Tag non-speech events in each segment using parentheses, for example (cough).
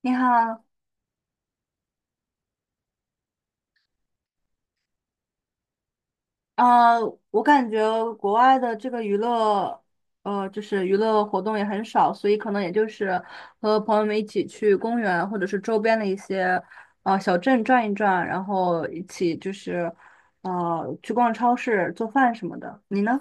你好。呃，我感觉国外的这个娱乐，就是娱乐活动也很少，所以可能也就是和朋友们一起去公园或者是周边的一些小镇转一转，然后一起就是去逛超市、做饭什么的。你呢？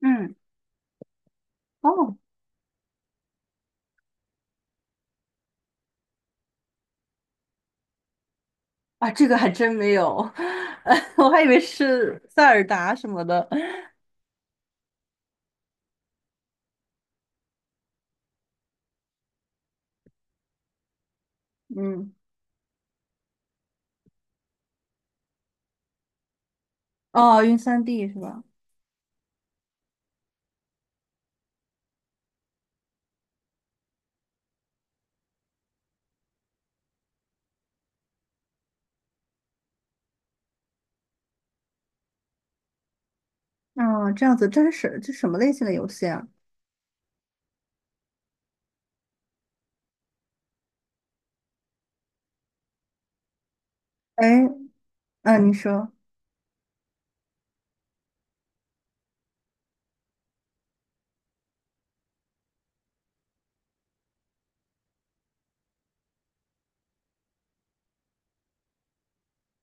嗯。哦。啊，这个还真没有，(laughs) 我还以为是塞尔达什么的。嗯。哦，晕三 d 是吧？哦，这样子，真是什这什么类型的游戏啊？哎。嗯，你说。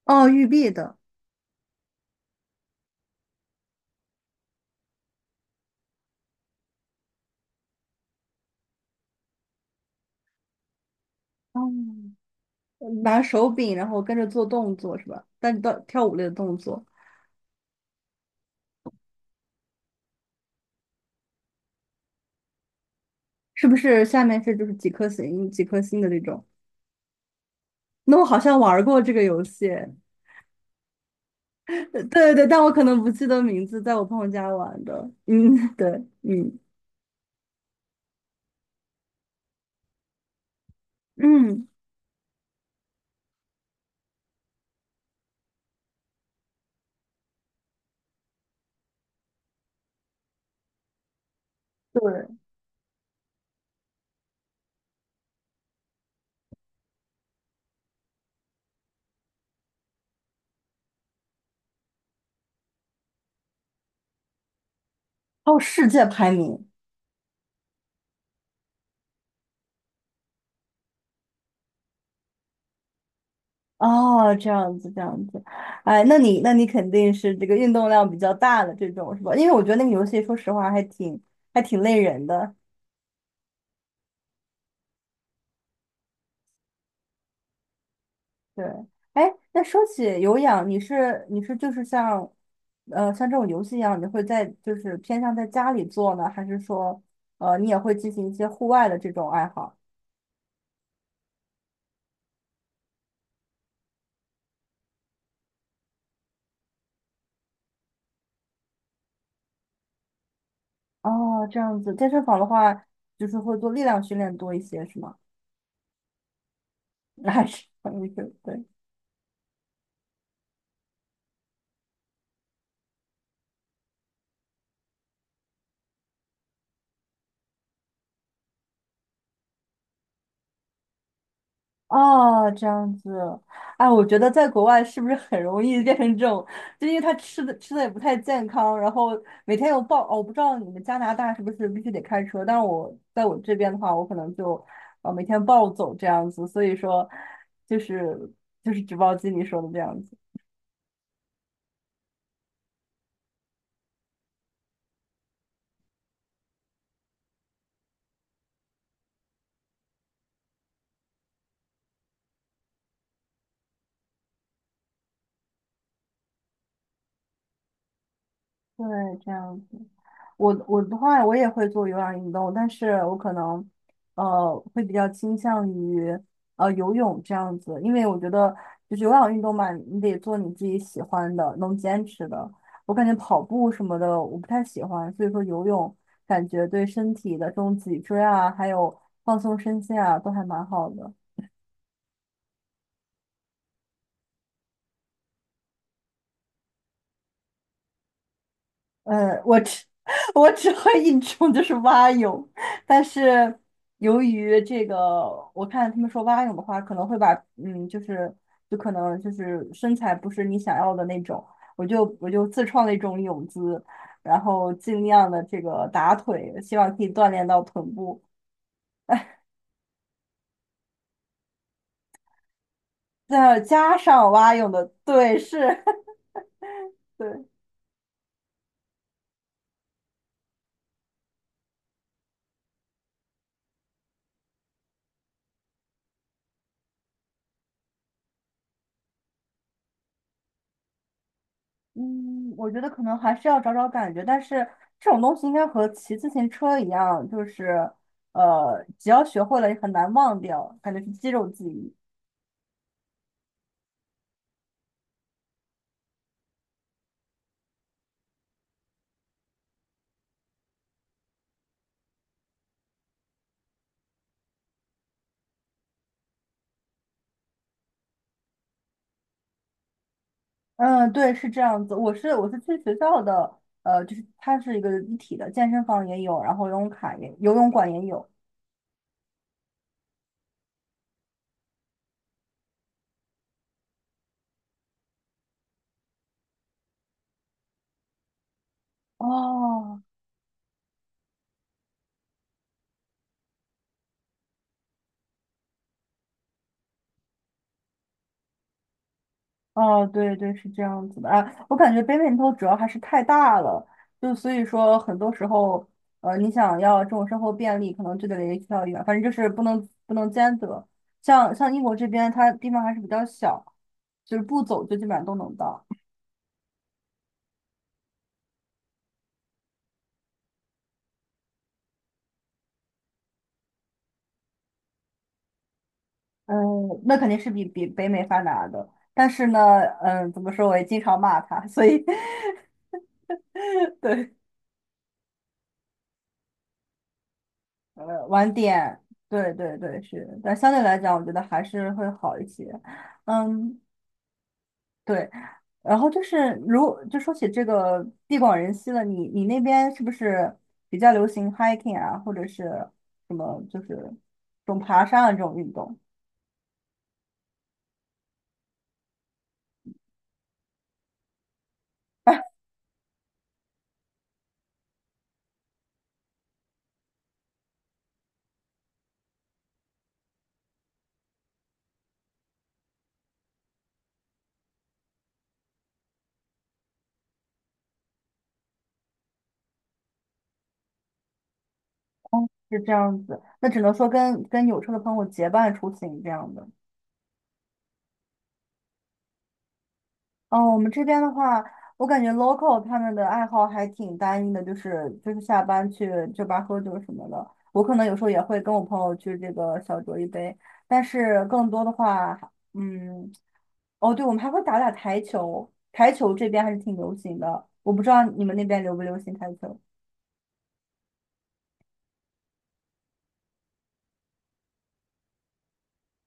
哦，玉璧的。哦，拿手柄，然后跟着做动作是吧？但是到跳舞类的动作，是不是下面是就是几颗星、几颗星的这种？那我好像玩过这个游戏，对对对，但我可能不记得名字，在我朋友家玩的。嗯，(laughs) 对。嗯嗯，对。哦，世界排名。哦，这样子这样子。哎，那你肯定是这个运动量比较大的这种是吧？因为我觉得那个游戏说实话还挺还挺累人的。对。哎，那说起有氧，你是就是像，像这种游戏一样，你会在就是偏向在家里做呢，还是说，你也会进行一些户外的这种爱好？哦，这样子，健身房的话，就是会做力量训练多一些，是吗？(laughs) 那还是，还是对。哦，这样子。哎，我觉得在国外是不是很容易变成这种，就因为他吃的也不太健康，然后每天有暴，哦，我不知道你们加拿大是不是必须得开车，但是我在我这边的话，我可能就每天暴走这样子，所以说就是就是纸包机你说的这样子。对，这样子。我的话，我也会做有氧运动，但是我可能会比较倾向于游泳这样子，因为我觉得就是有氧运动嘛，你得做你自己喜欢的，能坚持的。我感觉跑步什么的我不太喜欢，所以说游泳感觉对身体的这种脊椎啊，还有放松身心啊，都还蛮好的。我只 (laughs) 我只会一种，就是蛙泳。但是由于这个，我看他们说蛙泳的话，可能会把嗯，就是可能就是身材不是你想要的那种，我就自创了一种泳姿，然后尽量的这个打腿，希望可以锻炼到臀部。再加上蛙泳的，对，是，(laughs) 对。嗯，我觉得可能还是要找找感觉，但是这种东西应该和骑自行车一样，就是只要学会了也很难忘掉，感觉是肌肉记忆。嗯，对，是这样子。我是去学校的，就是它是一个一体的，健身房也有，然后游泳馆也有。哦。哦，对对，是这样子的啊。我感觉北美头主要还是太大了，就所以说很多时候，你想要这种生活便利，可能就得离学校远，反正就是不能兼得。像英国这边，它地方还是比较小，就是不走就基本上都能到。嗯，那肯定是比北美发达的。但是呢，嗯，怎么说，我也经常骂它，所以 (laughs) 对。晚点，对对对，是。但相对来讲，我觉得还是会好一些。嗯，对。然后就是说起这个地广人稀了，你那边是不是比较流行 hiking 啊，或者是什么就是这种爬山啊这种运动？是这样子，那只能说跟有车的朋友结伴出行这样的。哦，我们这边的话，我感觉 local 他们的爱好还挺单一的，就是下班去酒吧喝酒什么的。我可能有时候也会跟我朋友去这个小酌一杯，但是更多的话，嗯，哦，对，我们还会打打台球，台球这边还是挺流行的。我不知道你们那边流不流行台球。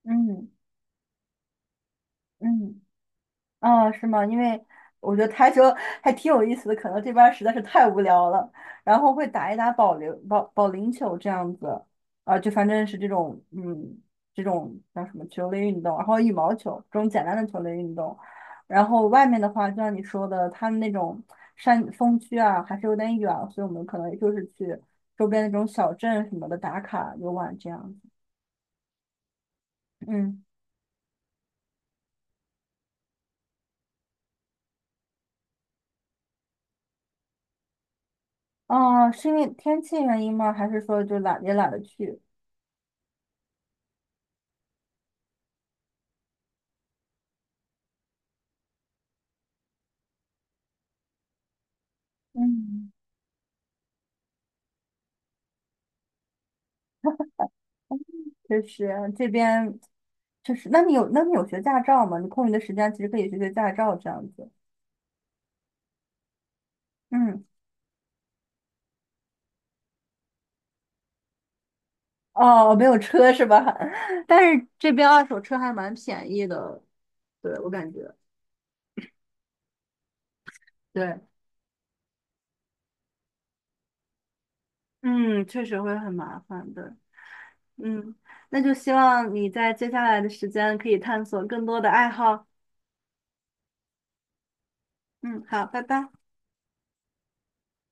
嗯嗯。啊，是吗？因为我觉得台球还挺有意思的，可能这边儿实在是太无聊了，然后会打一打保保龄球这样子，啊，就反正是这种这种叫什么球类运动，然后羽毛球这种简单的球类运动，然后外面的话，就像你说的，他们那种山风区啊，还是有点远，所以我们可能就是去周边那种小镇什么的打卡游玩这样子。嗯。啊，是因为天气原因吗？还是说就懒也懒得去？嗯。确实这边确实。那你有那你有学驾照吗？你空余的时间其实可以学学驾照这样子。嗯。哦，没有车是吧？(laughs) 但是这边二手车还蛮便宜的，对，我感觉。对。嗯，确实会很麻烦的。嗯，那就希望你在接下来的时间可以探索更多的爱好。嗯，好，拜拜。